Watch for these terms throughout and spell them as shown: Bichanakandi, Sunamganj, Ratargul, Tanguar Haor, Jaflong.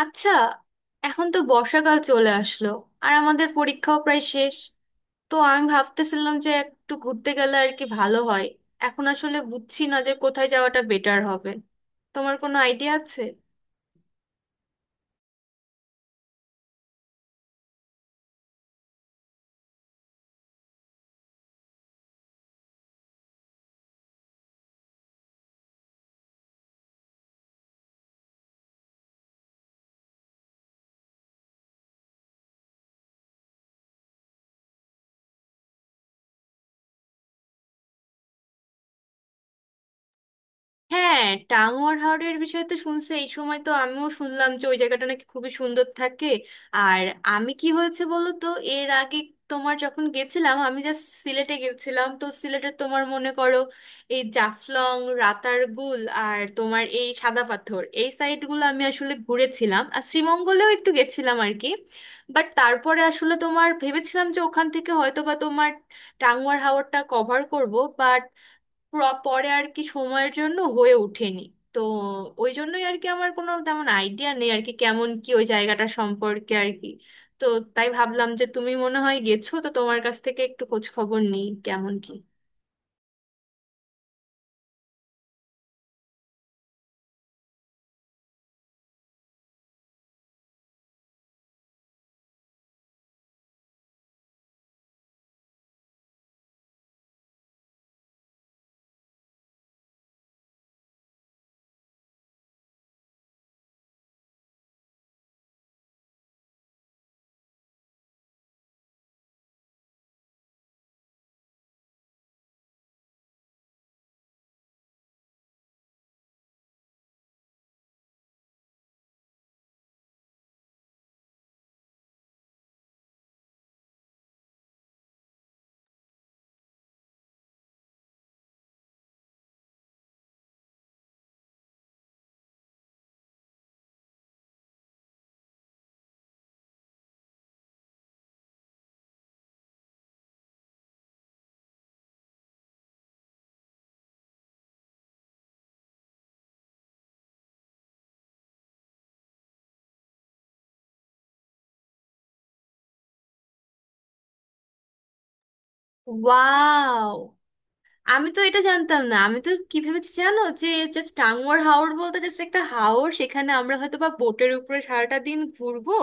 আচ্ছা। এখন তো বর্ষাকাল চলে আসলো আর আমাদের পরীক্ষাও প্রায় শেষ। তো আমি ভাবতেছিলাম যে একটু ঘুরতে গেলে আর কি ভালো হয়। এখন আসলে বুঝছি না যে কোথায় যাওয়াটা বেটার হবে। তোমার কোনো আইডিয়া আছে? হ্যাঁ, টাঙ্গুয়ার হাওরের বিষয়ে তো শুনছি, এই সময় তো আমিও শুনলাম যে ওই জায়গাটা নাকি খুবই সুন্দর থাকে। আর আমি কি হয়েছে বলো তো, এর আগে তোমার যখন গেছিলাম, আমি জাস্ট সিলেটে গেছিলাম। তো সিলেটে তোমার মনে করো এই জাফলং, রাতারগুল আর তোমার এই সাদা পাথর, এই সাইডগুলো আমি আসলে ঘুরেছিলাম আর শ্রীমঙ্গলেও একটু গেছিলাম আর কি। বাট তারপরে আসলে তোমার ভেবেছিলাম যে ওখান থেকে হয়তো বা তোমার টাঙ্গুয়ার হাওরটা কভার করব। বাট পরে আর কি সময়ের জন্য হয়ে ওঠেনি। তো ওই জন্যই আর কি আমার কোনো তেমন আইডিয়া নেই আর কি, কেমন কি ওই জায়গাটা সম্পর্কে আর কি। তো তাই ভাবলাম যে তুমি মনে হয় গেছো, তো তোমার কাছ থেকে একটু খোঁজ খবর নিই কেমন কি। ওয়াও, আমি তো এটা জানতাম না। আমি তো কি ভেবেছি জানো, যে জাস্ট টাঙ্গুয়ার হাওর বলতে জাস্ট একটা হাওর, সেখানে আমরা হয়তো বা বোটের উপরে সারাটা দিন ঘুরবো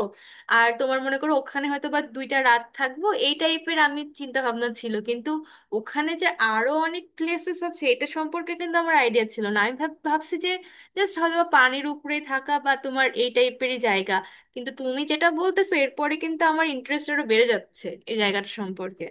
আর তোমার মনে করো ওখানে হয়তো বা দুইটা রাত থাকবো, এই টাইপের আমি চিন্তা ভাবনা ছিল। কিন্তু ওখানে যে আরো অনেক প্লেসেস আছে এটা সম্পর্কে কিন্তু আমার আইডিয়া ছিল না। আমি ভাবছি যে জাস্ট হয়তো বা পানির উপরে থাকা বা তোমার এই টাইপেরই জায়গা। কিন্তু তুমি যেটা বলতেছো এরপরে কিন্তু আমার ইন্টারেস্ট আরো বেড়ে যাচ্ছে এই জায়গাটা সম্পর্কে।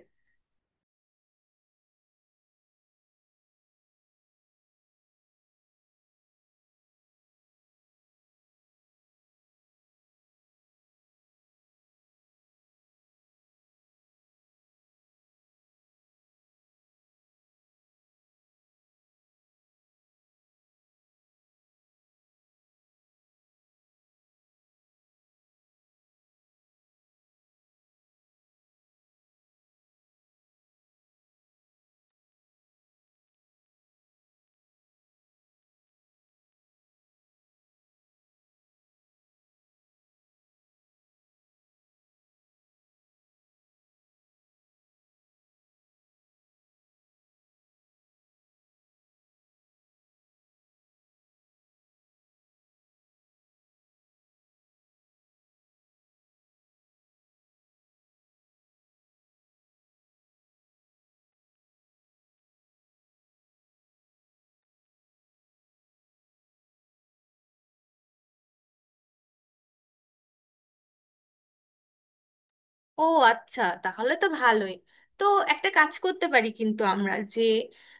ও আচ্ছা, তাহলে তো ভালোই। তো একটা কাজ করতে পারি কিন্তু, আমরা যে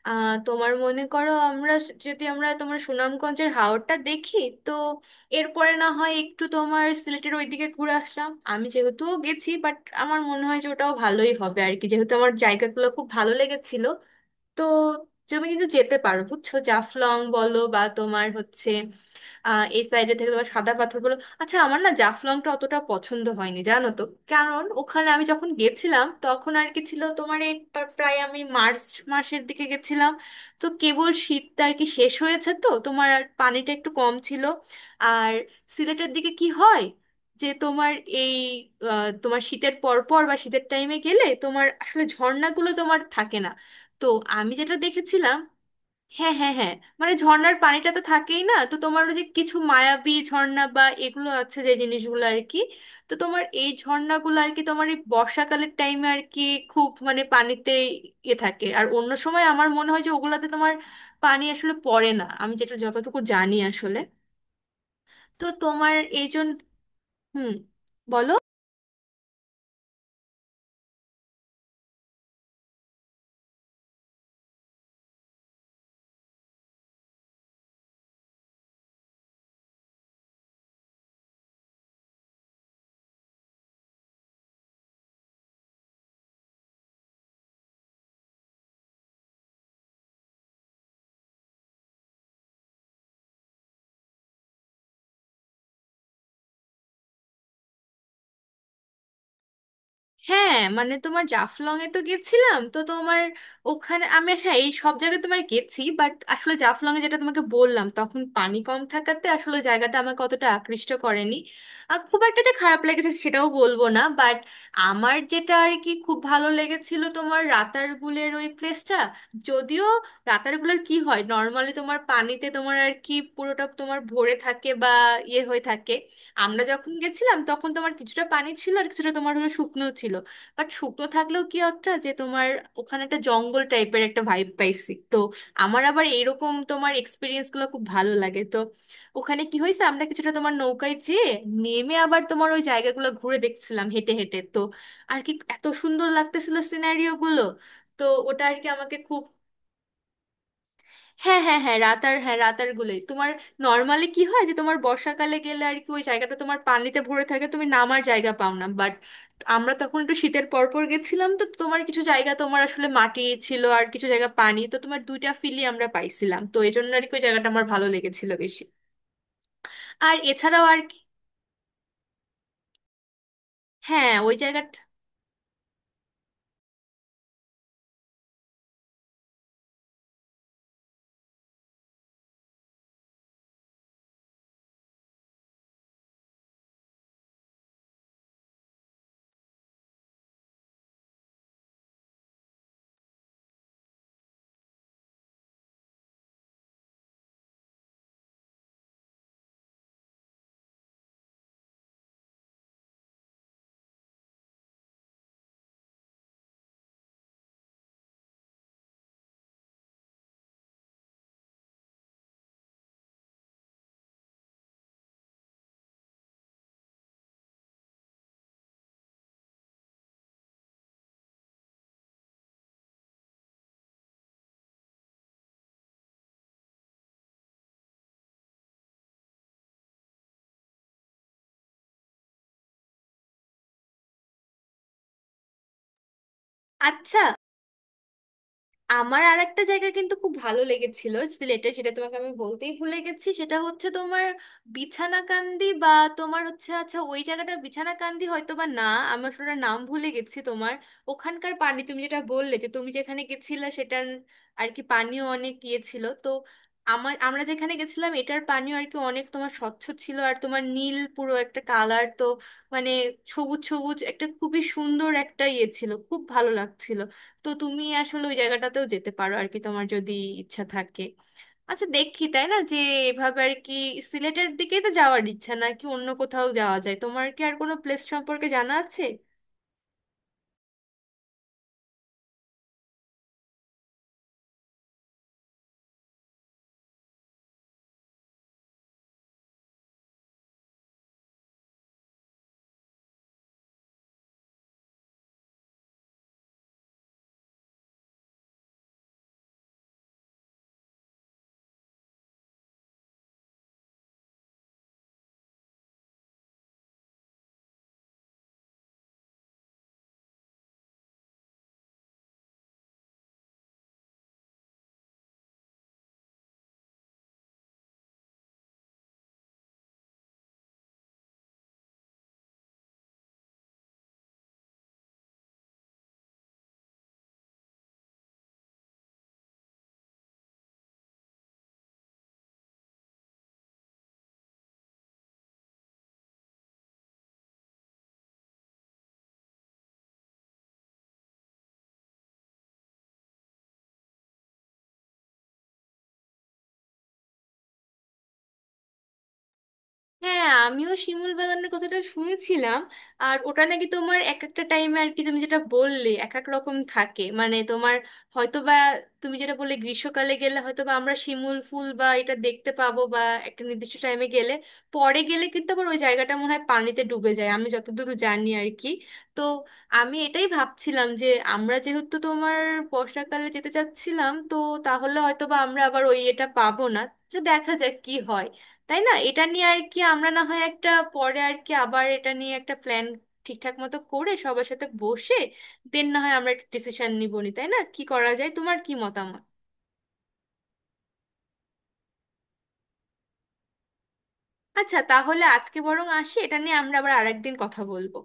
তোমার মনে করো আমরা, যদি আমরা তোমার সুনামগঞ্জের হাওরটা দেখি, তো এরপরে না হয় একটু তোমার সিলেটের ওইদিকে ঘুরে আসলাম। আমি যেহেতু গেছি, বাট আমার মনে হয় যে ওটাও ভালোই হবে আর কি, যেহেতু আমার জায়গাগুলো খুব ভালো লেগেছিল। তো তুমি কিন্তু যেতে পারো বুঝছো, জাফলং বলো বা তোমার হচ্ছে এই সাইডে থেকে তোমার সাদা পাথর বলো। আচ্ছা, আমার না জাফলংটা অতটা পছন্দ হয়নি জানো তো। কারণ ওখানে আমি যখন গেছিলাম তখন আর কি ছিল তোমার এই প্রায় আমি মার্চ মাসের দিকে গেছিলাম। তো কেবল শীতটা আর কি শেষ হয়েছে তো তোমার, আর পানিটা একটু কম ছিল। আর সিলেটের দিকে কি হয় যে তোমার এই তোমার শীতের পর পর বা শীতের টাইমে গেলে তোমার আসলে ঝর্ণাগুলো তোমার থাকে না। তো আমি যেটা দেখেছিলাম। হ্যাঁ, হ্যাঁ, হ্যাঁ, মানে ঝর্ণার পানিটা তো থাকেই না, তো তোমার ওই যে কিছু মায়াবী ঝর্ণা বা এগুলো আছে যে জিনিসগুলো আর কি। তো তোমার এই ঝর্ণাগুলো আর কি তোমার এই বর্ষাকালের টাইমে আর কি খুব মানে পানিতে ইয়ে থাকে, আর অন্য সময় আমার মনে হয় যে ওগুলাতে তোমার পানি আসলে পড়ে না, আমি যেটা যতটুকু জানি আসলে। তো তোমার এই জন্য। হুম। বলো। হ্যাঁ, মানে তোমার জাফলং এ তো গেছিলাম, তো তোমার ওখানে আমি, হ্যাঁ, এই সব জায়গায় তোমার গেছি বাট আসলে জাফলং এ যেটা তোমাকে বললাম, তখন পানি কম থাকাতে আসলে জায়গাটা আমাকে অতটা আকৃষ্ট করেনি। আর খুব একটা যে খারাপ লেগেছে সেটাও বলবো না, বাট আমার যেটা আর কি খুব ভালো লেগেছিল তোমার রাতারগুলের ওই প্লেসটা। যদিও রাতারগুলের কি হয়, নর্মালি তোমার পানিতে তোমার আর কি পুরোটা তোমার ভরে থাকে বা ইয়ে হয়ে থাকে। আমরা যখন গেছিলাম তখন তোমার কিছুটা পানি ছিল আর কিছুটা তোমার হলো শুকনো ছিল। বাট শুকনো থাকলেও কি একটা যে তোমার ওখানে একটা জঙ্গল টাইপের একটা ভাইব পাইছি। তো আমার আবার এরকম তোমার এক্সপিরিয়েন্স গুলো খুব ভালো লাগে। তো ওখানে কি হয়েছে, আমরা কিছুটা তোমার নৌকায় যেয়ে নেমে আবার তোমার ওই জায়গাগুলো ঘুরে দেখছিলাম হেঁটে হেঁটে। তো আর কি এত সুন্দর লাগতেছিল সিনারিও গুলো। তো ওটা আর কি আমাকে খুব। হ্যাঁ, হ্যাঁ, হ্যাঁ, রাতার গুলোই তোমার। নর্মালি কি হয় যে তোমার বর্ষাকালে গেলে আর কি ওই জায়গাটা তোমার পানিতে ভরে থাকে, তুমি নামার জায়গা পাও না। বাট আমরা তখন একটু শীতের পর পর গেছিলাম, তো তোমার কিছু জায়গা তোমার আসলে মাটি ছিল আর কিছু জায়গা পানি, তো তোমার দুইটা ফিলই আমরা পাইছিলাম, তো এই জন্য আর কি ওই জায়গাটা আমার ভালো লেগেছিল বেশি। আর এছাড়াও আর কি। হ্যাঁ, ওই জায়গাটা। আচ্ছা, আমার আর একটা জায়গা কিন্তু খুব ভালো লেগেছিল সিলেটে, সেটা তোমাকে আমি বলতেই ভুলে গেছি। সেটা হচ্ছে তোমার বিছানাকান্দি বা তোমার হচ্ছে, আচ্ছা ওই জায়গাটা বিছানাকান্দি হয়তো বা না, আমি আসলে ওটার নাম ভুলে গেছি তোমার। ওখানকার পানি তুমি যেটা বললে যে তুমি যেখানে গেছিলে সেটার আর কি পানিও অনেক ইয়ে ছিল, তো আমার, আমরা যেখানে গেছিলাম এটার পানিও আর কি অনেক তোমার স্বচ্ছ ছিল আর তোমার নীল পুরো একটা কালার, তো মানে সবুজ সবুজ একটা খুবই সুন্দর একটা ইয়ে ছিল, খুব ভালো লাগছিল। তো তুমি আসলে ওই জায়গাটাতেও যেতে পারো আর কি তোমার যদি ইচ্ছা থাকে। আচ্ছা দেখি তাই না, যে এভাবে আর কি সিলেটের দিকেই তো যাওয়ার ইচ্ছা, নাকি অন্য কোথাও যাওয়া যায়, তোমার কি আর কোনো প্লেস সম্পর্কে জানা আছে? হ্যাঁ, আমিও শিমুল বাগানের কথাটা শুনেছিলাম। আর ওটা নাকি তোমার এক একটা টাইমে আর কি তুমি যেটা বললে এক এক রকম থাকে, মানে তোমার হয়তোবা তুমি যেটা বললে গ্রীষ্মকালে গেলে হয়তোবা আমরা শিমুল ফুল বা এটা দেখতে পাবো বা একটা নির্দিষ্ট টাইমে গেলে। পরে গেলে কিন্তু আবার ওই জায়গাটা মনে হয় পানিতে ডুবে যায়, আমি যতদূর জানি আর কি। তো আমি এটাই ভাবছিলাম যে আমরা যেহেতু তোমার বর্ষাকালে যেতে চাচ্ছিলাম, তো তাহলে হয়তোবা আমরা আবার ওই এটা পাবো না। তো দেখা যাক কি হয়, তাই না? এটা নিয়ে আর কি আমরা না হয় একটা পরে আর কি আবার এটা নিয়ে একটা প্ল্যান ঠিকঠাক মতো করে সবার সাথে বসে, দেন না হয় আমরা একটা ডিসিশন নিব নি, তাই না? কি করা যায়, তোমার কি মতামত? আচ্ছা, তাহলে আজকে বরং আসি, এটা নিয়ে আমরা আবার আরেকদিন কথা বলবো।